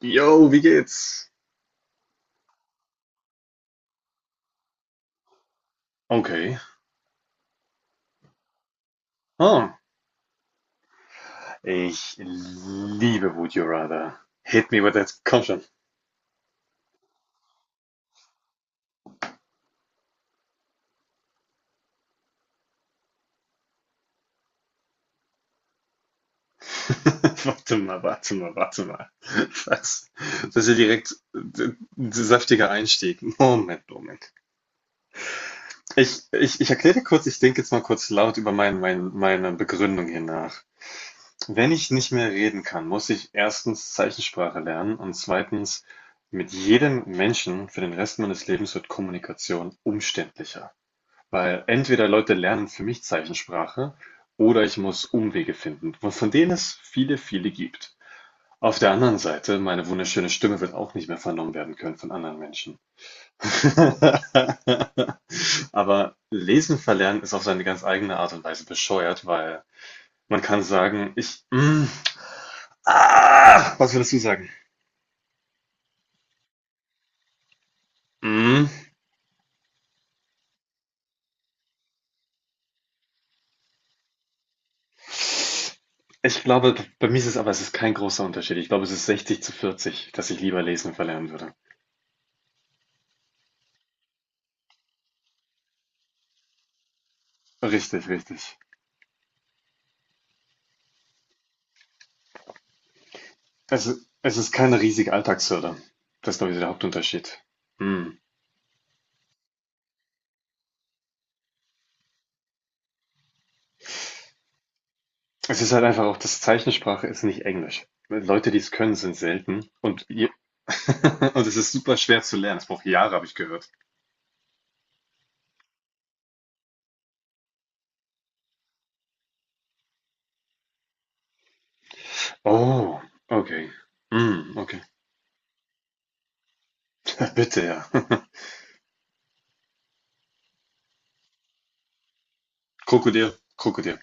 Yo, wie geht's? Okay. Oh, ich liebe Would You Rather. Hit me with that. Komm schon. Warte mal, warte mal, warte mal. Das, das ist ja direkt ein saftiger Einstieg. Moment, Moment. Ich erkläre dir kurz, ich denke jetzt mal kurz laut über meine Begründung hier nach. Wenn ich nicht mehr reden kann, muss ich erstens Zeichensprache lernen und zweitens, mit jedem Menschen für den Rest meines Lebens wird Kommunikation umständlicher. Weil entweder Leute lernen für mich Zeichensprache oder ich muss Umwege finden, von denen es viele, viele gibt. Auf der anderen Seite, meine wunderschöne Stimme wird auch nicht mehr vernommen werden können von anderen Menschen. Aber Lesen verlernen ist auf seine ganz eigene Art und Weise bescheuert, weil man kann sagen, was würdest du sagen? Mm, Ich glaube, bei mir ist es aber, es ist kein großer Unterschied. Ich glaube, es ist 60-40, dass ich lieber Lesen verlernen würde. Richtig, richtig. Es i- es ist keine riesige Alltagshürde. Das ist, glaube ich, so der Hauptunterschied. Hm. Es ist halt einfach auch, das Zeichensprache ist nicht Englisch. Leute, die es können, sind selten. Und, je Und es ist super schwer zu lernen. Es braucht Jahre, habe ich gehört. Oh, okay. Hm, okay. Bitte, ja. Krokodil, Krokodil.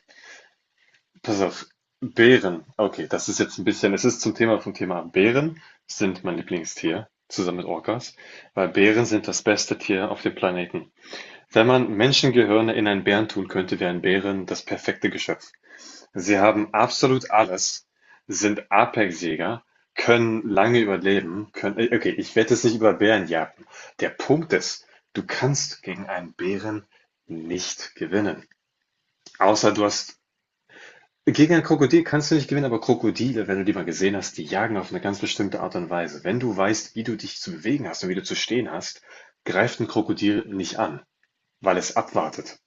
Pass auf. Bären. Okay, das ist jetzt ein bisschen, es ist zum Thema vom Thema ab. Bären sind mein Lieblingstier, zusammen mit Orcas, weil Bären sind das beste Tier auf dem Planeten. Wenn man Menschengehirne in einen Bären tun könnte, wären Bären das perfekte Geschöpf. Sie haben absolut alles, sind Apexjäger, können lange überleben, können, okay, ich werde es nicht über Bären jagen. Der Punkt ist, du kannst gegen einen Bären nicht gewinnen. Außer du hast, gegen ein Krokodil kannst du nicht gewinnen, aber Krokodile, wenn du die mal gesehen hast, die jagen auf eine ganz bestimmte Art und Weise. Wenn du weißt, wie du dich zu bewegen hast und wie du zu stehen hast, greift ein Krokodil nicht an, weil es abwartet.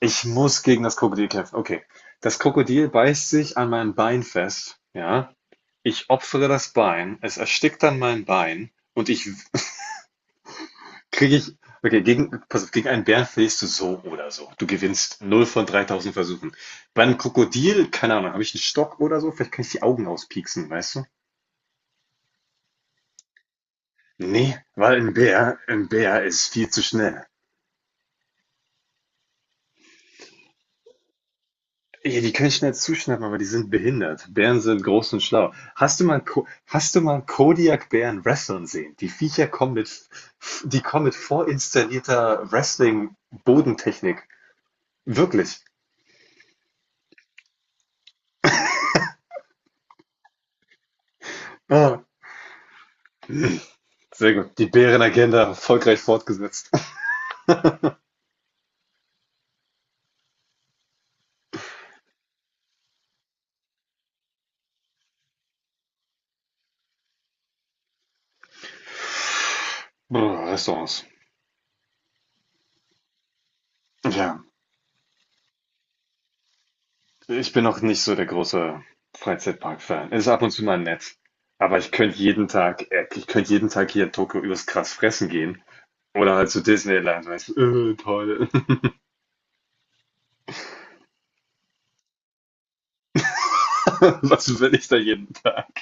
Ich muss gegen das Krokodil kämpfen. Okay. Das Krokodil beißt sich an meinem Bein fest, ja. Ich opfere das Bein, es erstickt dann mein Bein und ich kriege ich okay, gegen pass auf, gegen einen Bären verlierst du so oder so. Du gewinnst null von 3000 Versuchen. Bei einem Krokodil, keine Ahnung, habe ich einen Stock oder so, vielleicht kann ich die Augen auspieksen, weißt du? Nee, weil ein Bär ist viel zu schnell. Ja, die können schnell zuschnappen, aber die sind behindert. Bären sind groß und schlau. Hast du mal Kodiak-Bären wresteln sehen? Die Viecher kommen mit, die kommen mit vorinstallierter Wrestling-Bodentechnik. Wirklich. Ah, sehr gut. Die Bärenagenda erfolgreich fortgesetzt. Brr, Restaurants. Ja, ich bin noch nicht so der große Freizeitpark-Fan. Ist ab und zu mal nett. Aber ich könnte jeden Tag hier in Tokio übers Krass fressen gehen. Oder halt zu Disneyland, weißt du, toll. Was will ich da jeden Tag?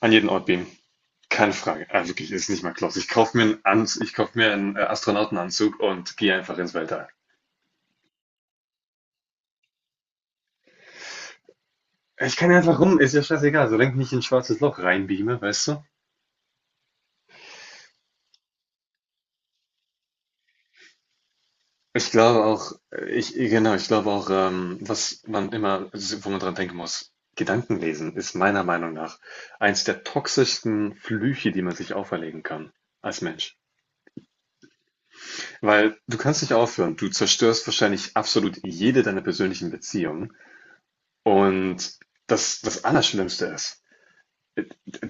An jeden Ort beamen. Keine Frage. Ah, wirklich, ist nicht mal close. Ich kauf mir einen Astronautenanzug und gehe einfach ins Weltall. Ich kann ja einfach rum, ist ja scheißegal, solange ich nicht in ein schwarzes Loch reinbeame, weißt du? Ich glaube auch, genau, ich glaube auch, was man immer, wo man dran denken muss, Gedankenlesen ist meiner Meinung nach eins der toxischsten Flüche, die man sich auferlegen kann als Mensch. Weil du kannst nicht aufhören, du zerstörst wahrscheinlich absolut jede deiner persönlichen Beziehungen. Und das Allerschlimmste ist,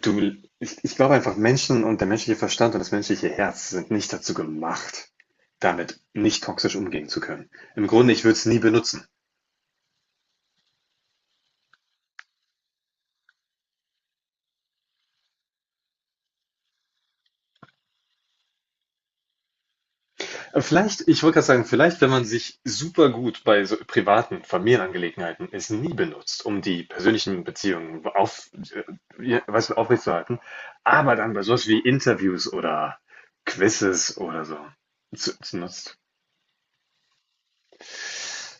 du, ich glaube einfach, Menschen und der menschliche Verstand und das menschliche Herz sind nicht dazu gemacht, damit nicht toxisch umgehen zu können. Im Grunde, ich würde es nie benutzen. Vielleicht, ich wollte gerade sagen, vielleicht, wenn man sich super gut bei so privaten Familienangelegenheiten es nie benutzt, um die persönlichen Beziehungen ja, weißt du, aufrechtzuerhalten, aber dann bei sowas wie Interviews oder Quizzes oder so zu nutzt.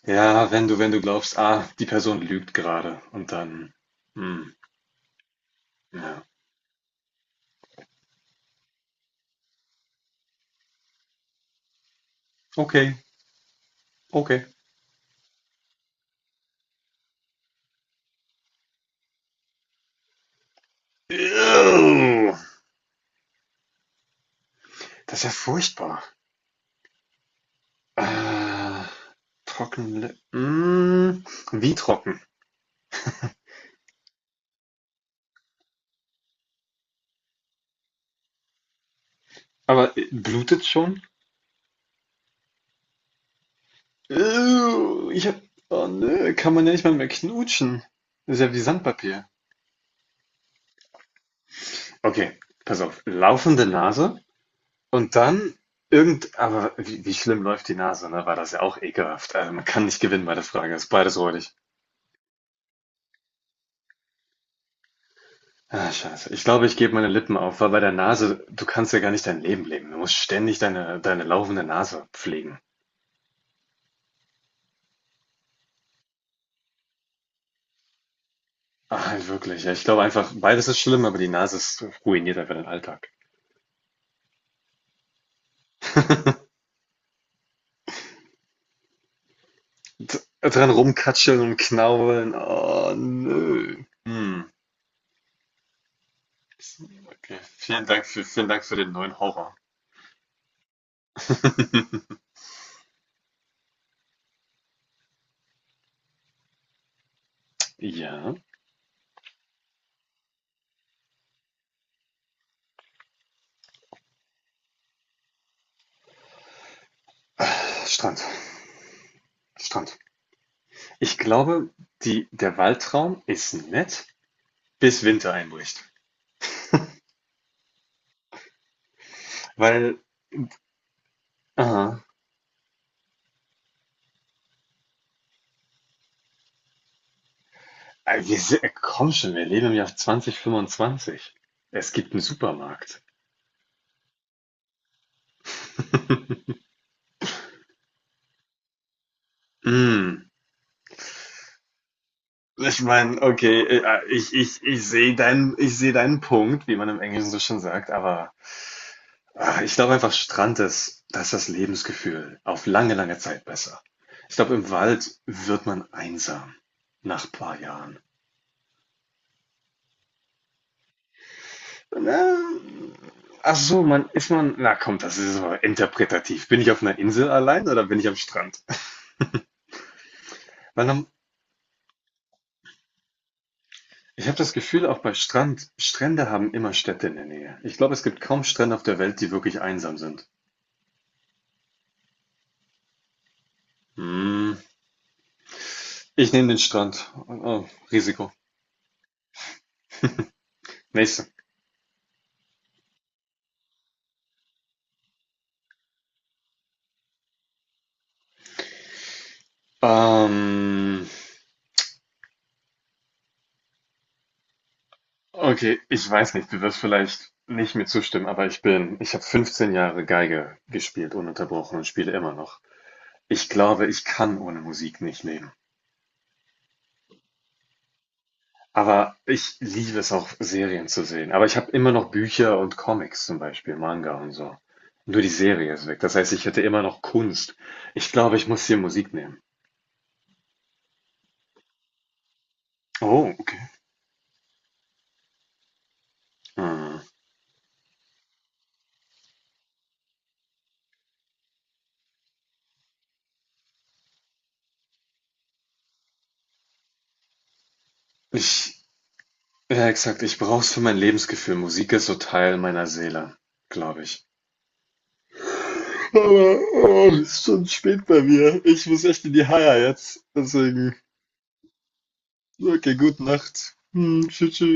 Ja, wenn du glaubst: „Ah, die Person lügt gerade" und dann hm, ja. Okay, okay. Ew, das ist ja furchtbar. Äh, trockene hm, wie trocken? Aber, blutet's schon? Ew, Ich habe oh ne, kann man ja nicht mal mehr knutschen. Das ist ja wie Sandpapier. Okay, pass auf. Laufende Nase. Und dann irgend aber wie schlimm läuft die Nase, ne, war das ja auch ekelhaft. Also, man kann nicht gewinnen bei der Frage. Ist beides räudig. Ah, scheiße. Ich glaube, ich gebe meine Lippen auf, weil bei der Nase, du kannst ja gar nicht dein Leben leben. Du musst ständig deine laufende Nase pflegen. Ah, wirklich. Ja, ich glaube einfach, beides ist schlimm, aber die Nase ist ruiniert einfach den Alltag. D dran rumkatscheln und knabbeln. Oh, nö. Hm. Okay. Vielen Dank für den neuen Horror. Ja. Strand. Strand. Ich glaube, die der Waldtraum ist nett, bis Winter einbricht. Weil, aha, wir si komm schon, wir leben im Jahr 2025. Es gibt einen Supermarkt. Hm, ich meine, okay, ich sehe deinen Punkt, wie man im Englischen so schön sagt, aber, ich glaube einfach, Strand ist da ist das Lebensgefühl auf lange, lange Zeit besser. Ich glaube, im Wald wird man einsam nach ein paar Jahren. Na, ach so, man ist man, na komm, das ist aber interpretativ. Bin ich auf einer Insel allein oder bin ich am Strand? Weil ich habe das Gefühl, auch bei Strand, Strände haben immer Städte in der Nähe. Ich glaube, es gibt kaum Strände auf der Welt, die wirklich einsam sind. Hm, ich nehme den Strand. Oh, Risiko. Nächste. Ähm, okay, ich weiß nicht, du wirst vielleicht nicht mir zustimmen, aber ich habe 15 Jahre Geige gespielt, ununterbrochen und spiele immer noch. Ich glaube, ich kann ohne Musik nicht leben. Aber ich liebe es auch, Serien zu sehen. Aber ich habe immer noch Bücher und Comics zum Beispiel, Manga und so. Nur die Serie ist weg. Das heißt, ich hätte immer noch Kunst. Ich glaube, ich muss hier Musik nehmen. Oh, okay. Hm. Ich, ja, exakt, ich brauche es für mein Lebensgefühl. Musik ist so Teil meiner Seele, glaube ich. Aber oh, es ist schon spät. Ja, ja, jetzt deswegen. Okay, gute Nacht. Hm, tschüss. Tschüss.